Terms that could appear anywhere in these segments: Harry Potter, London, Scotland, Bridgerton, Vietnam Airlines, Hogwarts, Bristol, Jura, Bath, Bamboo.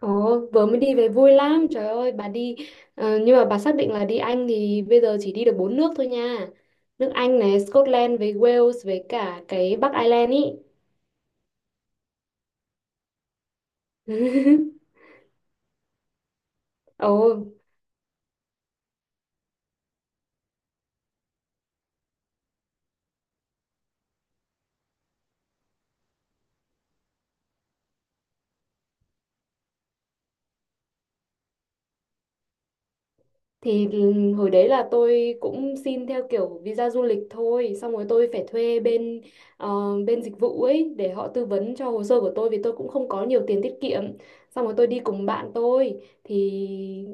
Ồ, vừa mới đi về vui lắm, trời ơi, bà đi, nhưng mà bà xác định là đi Anh thì bây giờ chỉ đi được bốn nước thôi nha. Nước Anh này, Scotland với Wales với cả cái Bắc Ireland ý. Ồ, thì hồi đấy là tôi cũng xin theo kiểu visa du lịch thôi, xong rồi tôi phải thuê bên ờ, bên dịch vụ ấy để họ tư vấn cho hồ sơ của tôi, vì tôi cũng không có nhiều tiền tiết kiệm. Xong rồi tôi đi cùng bạn tôi thì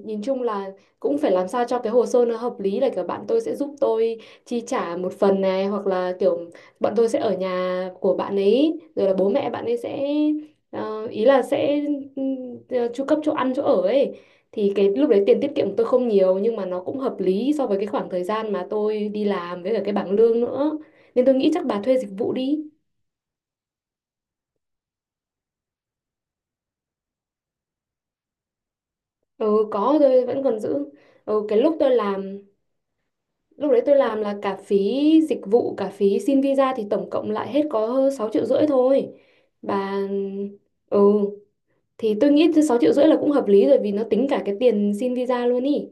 nhìn chung là cũng phải làm sao cho cái hồ sơ nó hợp lý, là kiểu bạn tôi sẽ giúp tôi chi trả một phần này, hoặc là kiểu bọn tôi sẽ ở nhà của bạn ấy rồi là bố mẹ bạn ấy sẽ ý là sẽ ừ, chu cấp chỗ ăn chỗ ở ấy. Thì cái lúc đấy tiền tiết kiệm của tôi không nhiều, nhưng mà nó cũng hợp lý so với cái khoảng thời gian mà tôi đi làm với cả cái bảng lương nữa, nên tôi nghĩ chắc bà thuê dịch vụ đi. Ừ, có, tôi vẫn còn giữ. Ừ, cái lúc tôi làm, lúc đấy tôi làm là cả phí dịch vụ cả phí xin visa thì tổng cộng lại hết có 6,5 triệu thôi bà. Ừ, thì tôi nghĩ 6,5 triệu là cũng hợp lý rồi, vì nó tính cả cái tiền xin visa luôn ý.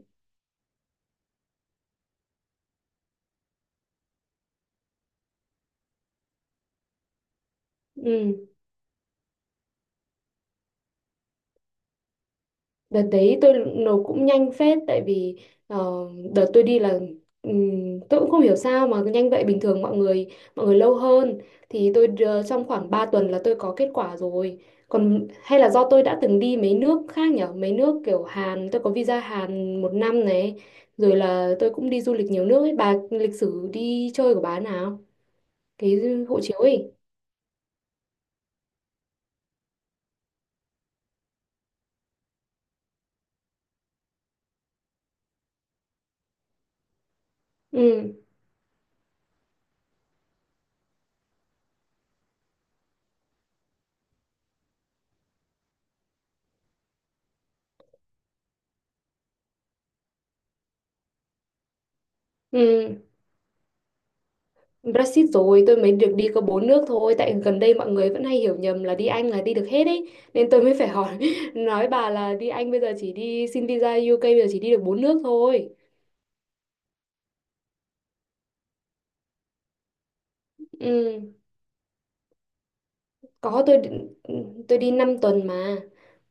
Ừ. Đợt đấy tôi nộp cũng nhanh phết, tại vì ờ, đợt tôi đi là tôi cũng không hiểu sao mà nhanh vậy, bình thường mọi người lâu hơn. Thì trong khoảng 3 tuần là tôi có kết quả rồi. Còn hay là do tôi đã từng đi mấy nước khác nhở, mấy nước kiểu Hàn, tôi có visa Hàn 1 năm này, rồi là tôi cũng đi du lịch nhiều nước ấy. Bà lịch sử đi chơi của bà nào? Cái hộ chiếu ấy. Ừ. Ừ. Brexit rồi tôi mới được đi có bốn nước thôi, tại gần đây mọi người vẫn hay hiểu nhầm là đi Anh là đi được hết ấy, nên tôi mới phải hỏi nói bà là đi Anh bây giờ chỉ đi xin visa UK bây giờ chỉ đi được bốn nước thôi. Ừ. Có, tôi đi 5 tuần mà.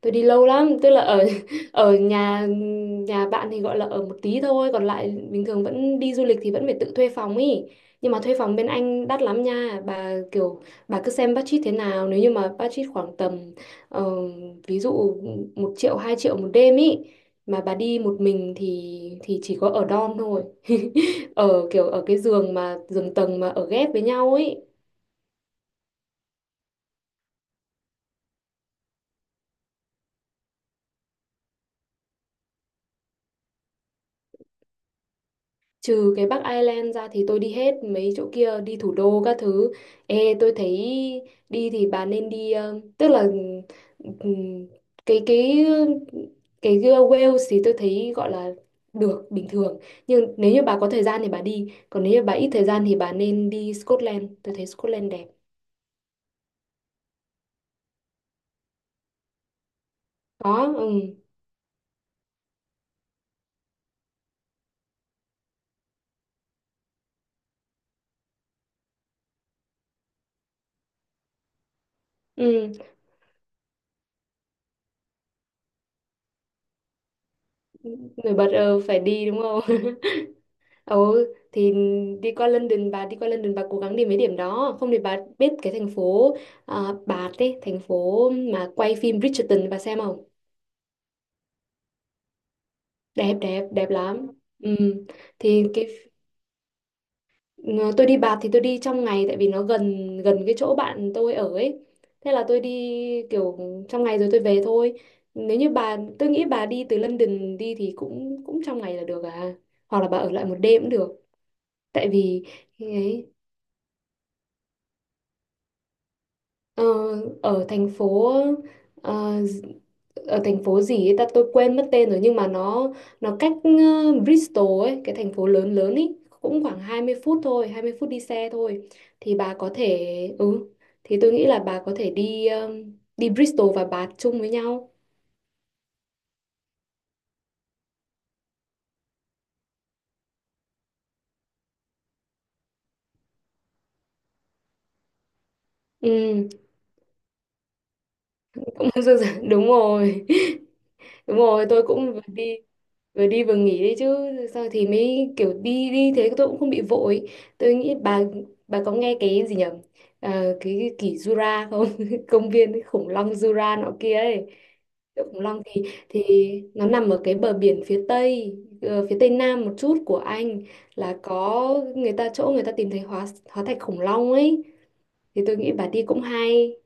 Tôi đi lâu lắm, tức là ở ở nhà nhà bạn thì gọi là ở một tí thôi, còn lại bình thường vẫn đi du lịch thì vẫn phải tự thuê phòng ý. Nhưng mà thuê phòng bên Anh đắt lắm nha. Bà cứ xem budget thế nào, nếu như mà budget khoảng tầm ờ, ví dụ 1 triệu 2 triệu một đêm ý, mà bà đi một mình thì chỉ có ở dorm thôi. Ở kiểu ở cái giường mà giường tầng mà ở ghép với nhau ý. Trừ cái Bắc Ireland ra thì tôi đi hết mấy chỗ kia, đi thủ đô các thứ. Ê tôi thấy đi thì bà nên đi, tức là ừm, cái cái cái Wales thì tôi thấy gọi là được bình thường. Nhưng nếu như bà có thời gian thì bà đi, còn nếu như bà ít thời gian thì bà nên đi Scotland. Tôi thấy Scotland đẹp. Có, ừ. Ừ, nổi bật phải đi đúng không? Ừ thì đi qua London bà cố gắng đi mấy điểm đó, không thì bà biết cái thành phố, à, Bath ấy, thành phố mà quay phim Bridgerton bà xem không. Đẹp, đẹp đẹp lắm, ừ. Thì cái ờ, tôi đi Bath thì tôi đi trong ngày, tại vì nó gần gần cái chỗ bạn tôi ở ấy, thế là tôi đi kiểu trong ngày rồi tôi về thôi. Nếu như bà, tôi nghĩ bà đi từ London đi thì cũng cũng trong ngày là được à, hoặc là bà ở lại một đêm cũng được, tại vì ấy. Ờ, ở thành phố ờ, d- Ở thành phố gì ấy ta, tôi quên mất tên rồi, nhưng mà nó cách Bristol ấy, cái thành phố lớn lớn ấy, cũng khoảng 20 phút thôi, 20 phút đi xe thôi. Thì bà có thể, ừ thì tôi nghĩ là bà có thể đi đi Bristol và Bath chung với nhau. Ừ, cũng đúng rồi. Đúng rồi, tôi cũng vừa đi. Rồi đi vừa nghỉ đấy chứ. Sao thì mới kiểu đi đi thế, tôi cũng không bị vội. Tôi nghĩ bà, có nghe cái gì nhỉ, ờ, cái kỷ Jura không? Công viên khủng long Jura nọ kia ấy, Động Khủng Long. Thì thì nó nằm ở cái bờ biển phía tây, phía tây nam một chút của Anh, là có người ta chỗ người ta tìm thấy hóa hóa thạch khủng long ấy, thì tôi nghĩ bà đi cũng hay.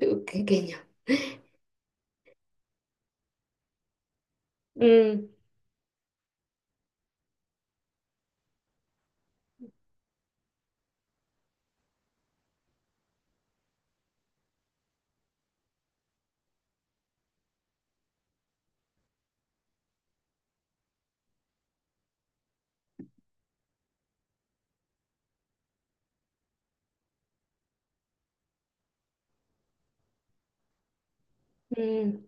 Tự cái nhỉ, ừ, ừ.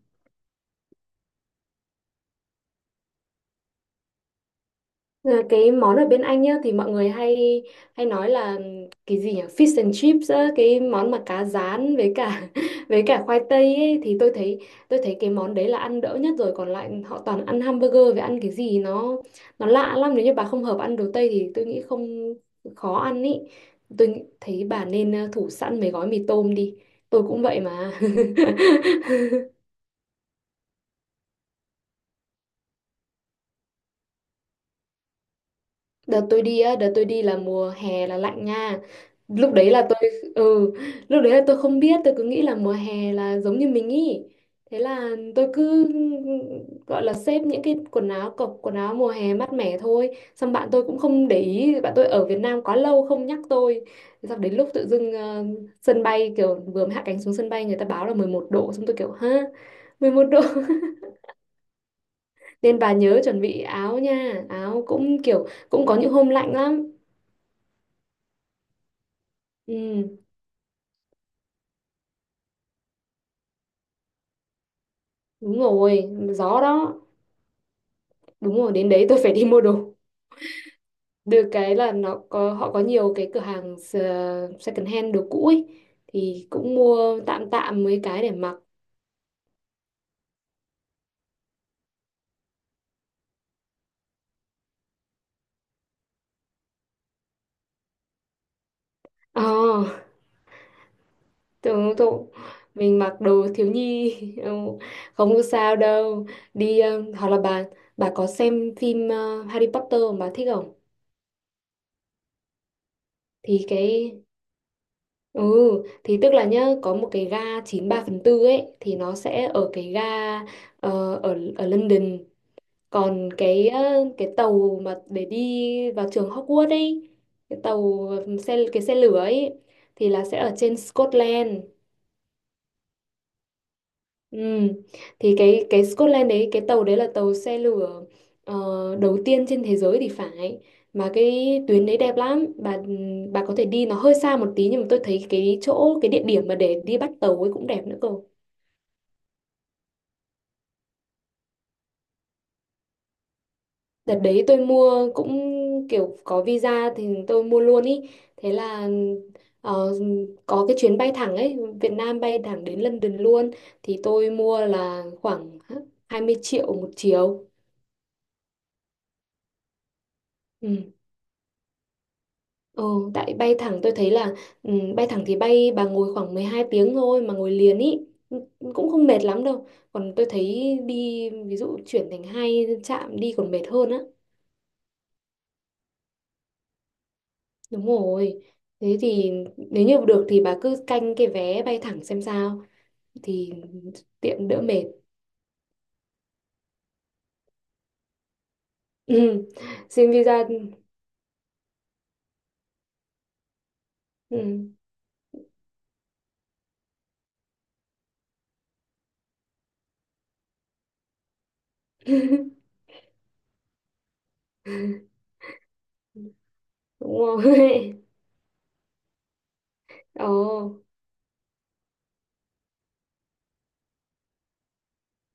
Là cái món ở bên Anh nhá thì mọi người hay hay nói là, cái gì nhỉ, fish and chips á, cái món mà cá rán với cả với cả khoai tây ấy. Thì tôi thấy, cái món đấy là ăn đỡ nhất rồi, còn lại họ toàn ăn hamburger với ăn cái gì nó lạ lắm. Nếu như bà không hợp ăn đồ Tây thì tôi nghĩ không, khó ăn ý, thấy bà nên thủ sẵn mấy gói mì tôm đi, tôi cũng vậy mà. Đợt tôi đi á, đợt tôi đi là mùa hè là lạnh nha. Lúc đấy là tôi lúc đấy là tôi không biết, tôi cứ nghĩ là mùa hè là giống như mình ý. Thế là tôi cứ gọi là xếp những cái quần áo cộc, quần áo mùa hè mát mẻ thôi. Xong bạn tôi cũng không để ý, bạn tôi ở Việt Nam quá lâu không nhắc tôi. Xong đến lúc tự dưng, sân bay, kiểu vừa mới hạ cánh xuống sân bay người ta báo là 11 độ, xong tôi kiểu ha, 11 độ. Nên bà nhớ chuẩn bị áo nha, áo cũng kiểu cũng có những hôm lạnh lắm. Ừ. Đúng rồi, gió đó. Đúng rồi, đến đấy tôi phải đi mua đồ. Được cái là nó có họ có nhiều cái cửa hàng second hand đồ cũ ấy, thì cũng mua tạm tạm mấy cái để mặc. Ờ, tôi Mình mặc đồ thiếu nhi, ừ, không có sao đâu. Đi, hoặc là bà có xem phim Harry Potter mà bà thích không? Thì cái ừ Thì tức là nhá, có một cái ga 9 3/4 ấy, thì nó sẽ ở cái ga ở ở London. Còn cái tàu mà để đi vào trường Hogwarts ấy, cái tàu cái xe lửa ấy, thì là sẽ ở trên Scotland. Ừ. Thì cái Scotland đấy, cái tàu đấy là tàu xe lửa đầu tiên trên thế giới thì phải. Mà cái tuyến đấy đẹp lắm bà có thể đi, nó hơi xa một tí, nhưng mà tôi thấy cái địa điểm mà để đi bắt tàu ấy cũng đẹp nữa cơ. Đợt đấy tôi mua cũng kiểu có visa thì tôi mua luôn ý. Thế là ờ, có cái chuyến bay thẳng ấy, Việt Nam bay thẳng đến London luôn. Thì tôi mua là khoảng 20 triệu một chiều. Ừ. Ừ, tại bay thẳng tôi thấy là, bay thẳng thì bay bà ngồi khoảng 12 tiếng thôi mà ngồi liền ý. Ừ, cũng không mệt lắm đâu. Còn tôi thấy đi ví dụ chuyển thành hai trạm đi còn mệt hơn á. Đúng rồi. Thế thì nếu như được thì bà cứ canh cái vé bay thẳng xem sao, thì tiện đỡ mệt. Ừ. Xin visa. Ừ. Đúng rồi. Ồ.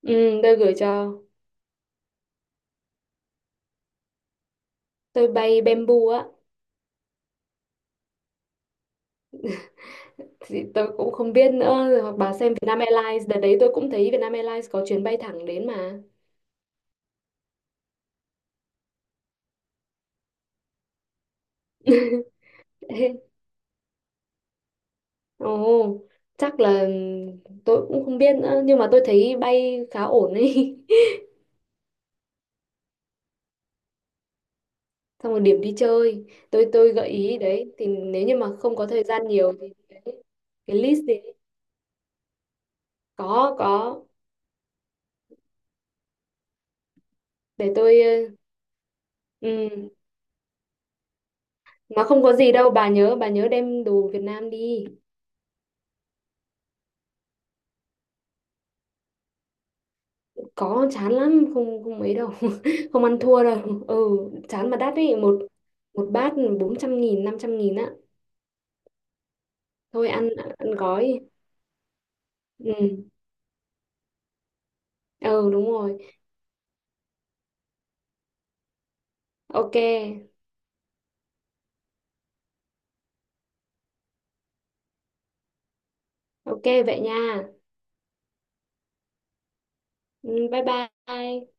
Ừ, tôi gửi cho. Tôi bay Bamboo á. Thì tôi cũng không biết nữa rồi, hoặc bà xem Vietnam Airlines, đợt đấy tôi cũng thấy Vietnam Airlines có chuyến bay thẳng đến mà. Ê, ồ, chắc là tôi cũng không biết nữa, nhưng mà tôi thấy bay khá ổn ấy. Xong rồi điểm đi chơi, tôi gợi ý đấy, thì nếu như mà không có thời gian nhiều thì đấy, cái list đấy, có, để tôi, ừ, mà không có gì đâu, bà nhớ, đem đồ Việt Nam đi. Có chán lắm không, không ấy đâu, không ăn thua đâu, ừ, chán mà đắt ấy, một một bát 400 nghìn 500 nghìn á. Thôi ăn, gói. Ừ. Ừ đúng rồi, ok. Ok vậy nha. Ừ, bye bye.